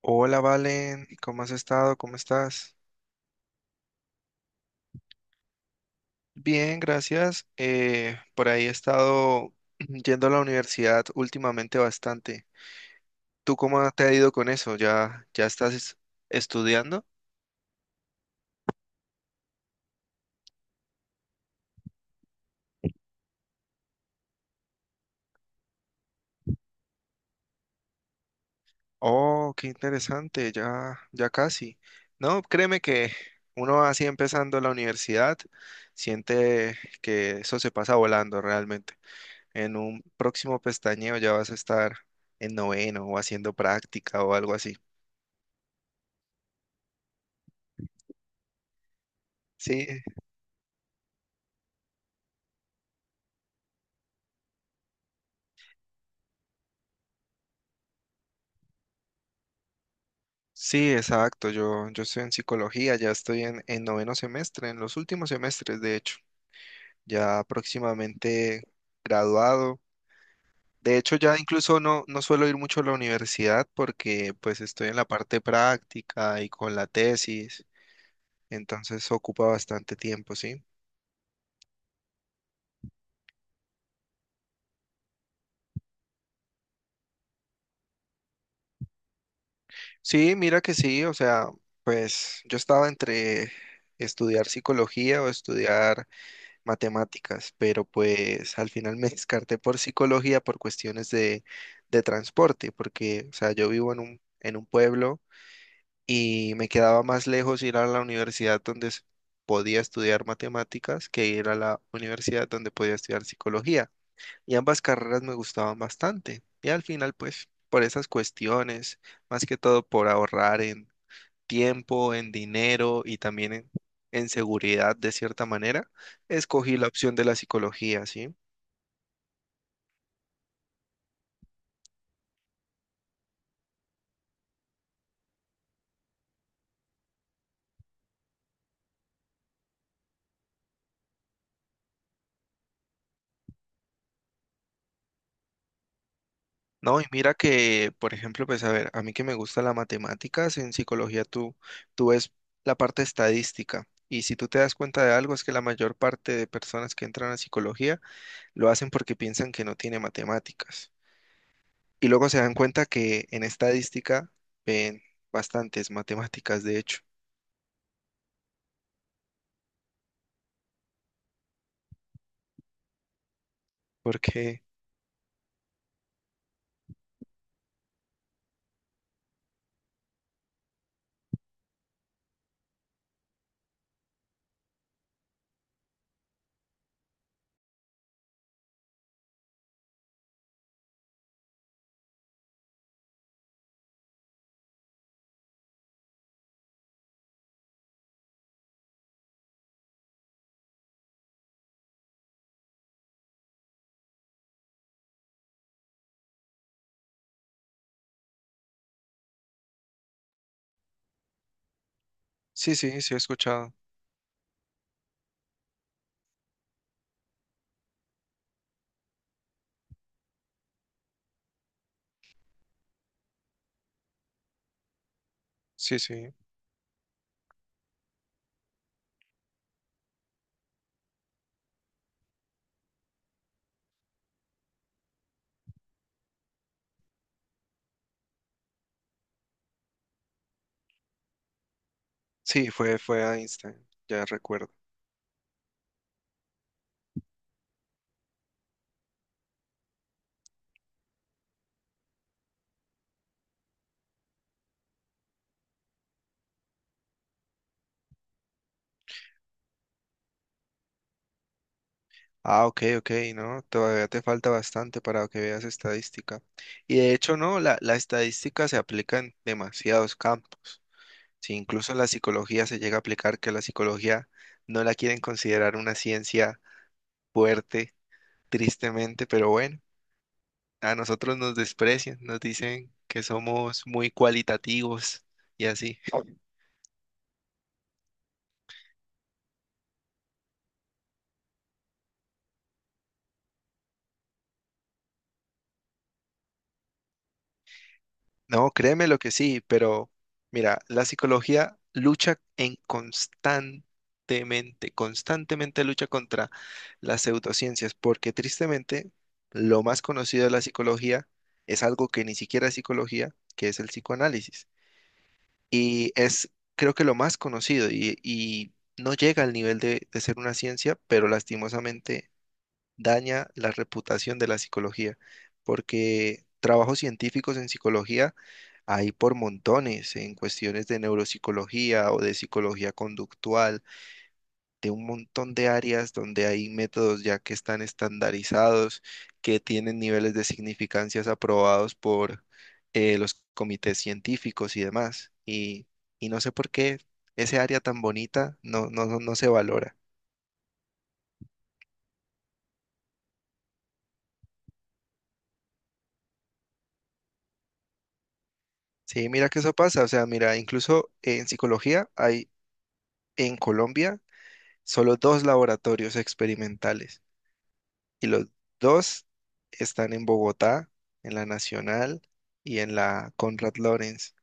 Hola Valen, ¿cómo has estado? ¿Cómo estás? Bien, gracias. Por ahí he estado yendo a la universidad últimamente bastante. ¿Tú cómo te ha ido con eso? ¿Ya estás estudiando? Oh, qué interesante, ya, ya casi. No, créeme que uno así empezando la universidad siente que eso se pasa volando realmente. En un próximo pestañeo ya vas a estar en noveno o haciendo práctica o algo así. Sí, sí, exacto. Yo estoy en psicología, ya estoy en noveno semestre, en los últimos semestres, de hecho, ya próximamente graduado. De hecho, ya incluso no suelo ir mucho a la universidad porque pues estoy en la parte práctica y con la tesis, entonces ocupa bastante tiempo, ¿sí? Sí, mira que sí, o sea, pues yo estaba entre estudiar psicología o estudiar matemáticas, pero pues al final me descarté por psicología por cuestiones de transporte, porque, o sea, yo vivo en un pueblo y me quedaba más lejos ir a la universidad donde podía estudiar matemáticas que ir a la universidad donde podía estudiar psicología. Y ambas carreras me gustaban bastante. Y al final, pues, por esas cuestiones, más que todo por ahorrar en tiempo, en dinero y también en seguridad de cierta manera, escogí la opción de la psicología, ¿sí? No, y mira que, por ejemplo, pues a ver, a mí que me gusta la matemáticas, en psicología tú, tú ves la parte estadística. Y si tú te das cuenta de algo, es que la mayor parte de personas que entran a psicología lo hacen porque piensan que no tiene matemáticas. Y luego se dan cuenta que en estadística ven bastantes matemáticas, de hecho, porque sí, sí, sí he escuchado. Sí, sí. Sí, fue a Einstein, ya recuerdo. Ah, ok, ok, no, todavía te falta bastante para que veas estadística. Y de hecho, no, la estadística se aplica en demasiados campos. Si incluso la psicología se llega a aplicar, que la psicología no la quieren considerar una ciencia fuerte, tristemente, pero bueno, a nosotros nos desprecian, nos dicen que somos muy cualitativos y así. No, créeme lo que sí, pero mira, la psicología lucha en constantemente, constantemente lucha contra las pseudociencias, porque tristemente lo más conocido de la psicología es algo que ni siquiera es psicología, que es el psicoanálisis. Y es, creo que lo más conocido y no llega al nivel de ser una ciencia, pero lastimosamente daña la reputación de la psicología, porque trabajos científicos en psicología hay por montones en cuestiones de neuropsicología o de psicología conductual, de un montón de áreas donde hay métodos ya que están estandarizados, que tienen niveles de significancias aprobados por los comités científicos y demás. Y no sé por qué ese área tan bonita no, no, no se valora. Sí, mira que eso pasa, o sea, mira, incluso en psicología hay en Colombia solo dos laboratorios experimentales y los dos están en Bogotá, en la Nacional y en la Conrad Lorenz.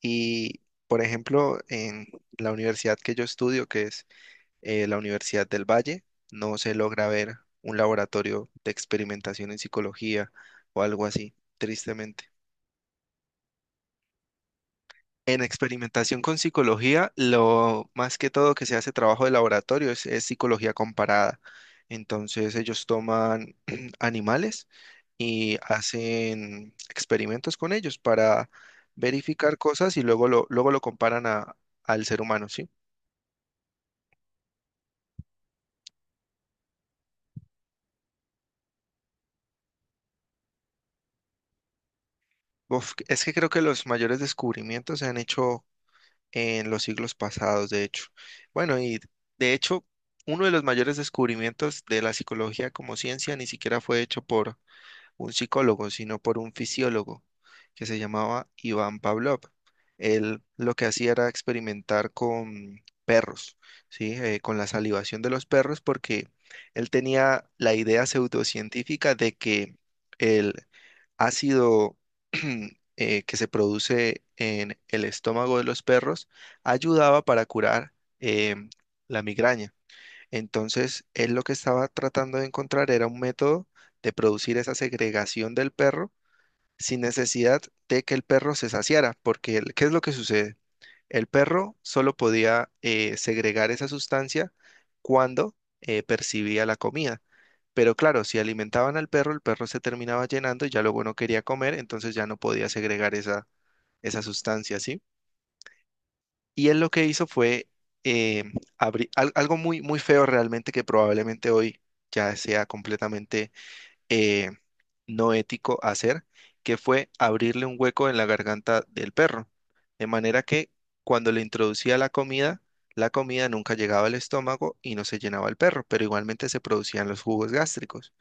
Y, por ejemplo, en la universidad que yo estudio, que es la Universidad del Valle, no se logra ver un laboratorio de experimentación en psicología o algo así, tristemente. En experimentación con psicología, lo más que todo que se hace trabajo de laboratorio es psicología comparada. Entonces ellos toman animales y hacen experimentos con ellos para verificar cosas y luego lo comparan a, al ser humano, ¿sí? Uf, es que creo que los mayores descubrimientos se han hecho en los siglos pasados, de hecho. Bueno, y de hecho, uno de los mayores descubrimientos de la psicología como ciencia ni siquiera fue hecho por un psicólogo, sino por un fisiólogo que se llamaba Iván Pavlov. Él lo que hacía era experimentar con perros, ¿sí? Con la salivación de los perros, porque él tenía la idea pseudocientífica de que el ácido que se produce en el estómago de los perros ayudaba para curar em, la migraña. Entonces, él lo que estaba tratando de encontrar era un método de producir esa segregación del perro sin necesidad de que el perro se saciara, porque el- ¿qué es lo que sucede? El perro solo podía segregar esa sustancia cuando percibía la comida. Pero claro, si alimentaban al perro, el perro se terminaba llenando y ya luego no quería comer, entonces ya no podía segregar esa, esa sustancia, ¿sí? Y él lo que hizo fue eh, algo muy, muy feo realmente que probablemente hoy ya sea completamente eh, no ético hacer, que fue abrirle un hueco en la garganta del perro. De manera que cuando le introducía la comida nunca llegaba al estómago y no se llenaba el perro, pero igualmente se producían los jugos gástricos.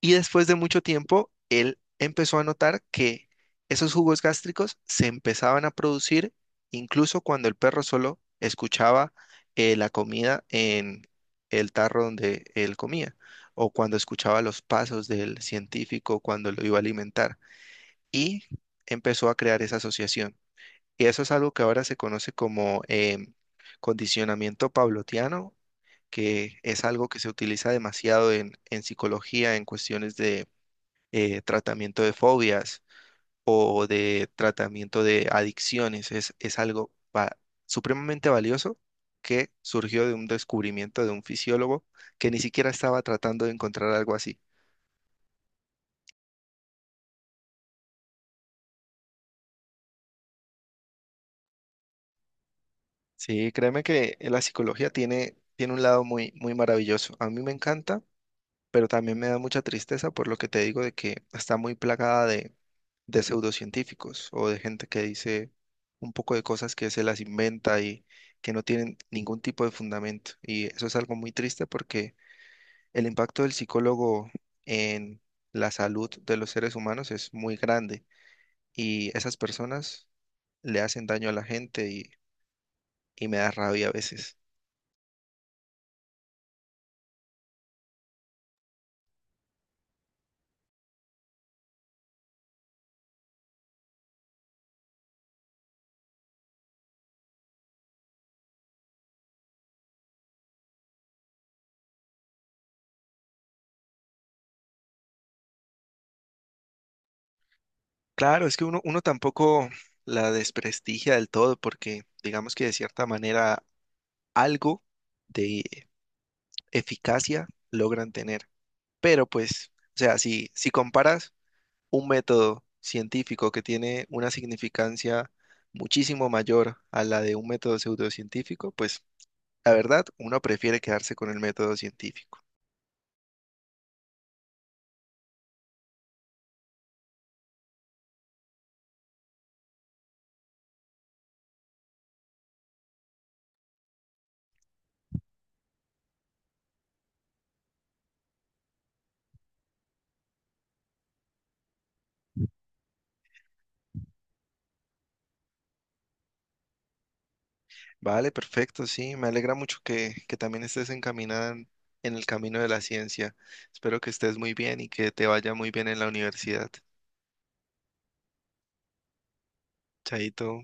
Y después de mucho tiempo, él empezó a notar que esos jugos gástricos se empezaban a producir incluso cuando el perro solo escuchaba la comida en el tarro donde él comía, o cuando escuchaba los pasos del científico cuando lo iba a alimentar. Y empezó a crear esa asociación. Y eso es algo que ahora se conoce como condicionamiento pavloviano, que es algo que se utiliza demasiado en psicología, en cuestiones de tratamiento de fobias o de tratamiento de adicciones. Es algo supremamente valioso que surgió de un descubrimiento de un fisiólogo que ni siquiera estaba tratando de encontrar algo así. Sí, créeme que la psicología tiene, tiene un lado muy, muy maravilloso. A mí me encanta pero también me da mucha tristeza por lo que te digo de que está muy plagada de pseudocientíficos o de gente que dice un poco de cosas que se las inventa y que no tienen ningún tipo de fundamento. Y eso es algo muy triste porque el impacto del psicólogo en la salud de los seres humanos es muy grande y esas personas le hacen daño a la gente y me da rabia a veces. Claro, es que uno, uno tampoco la desprestigia del todo porque digamos que de cierta manera algo de eficacia logran tener. Pero pues, o sea, si, si comparas un método científico que tiene una significancia muchísimo mayor a la de un método pseudocientífico, pues la verdad, uno prefiere quedarse con el método científico. Vale, perfecto, sí, me alegra mucho que también estés encaminada en el camino de la ciencia. Espero que estés muy bien y que te vaya muy bien en la universidad. Chaito.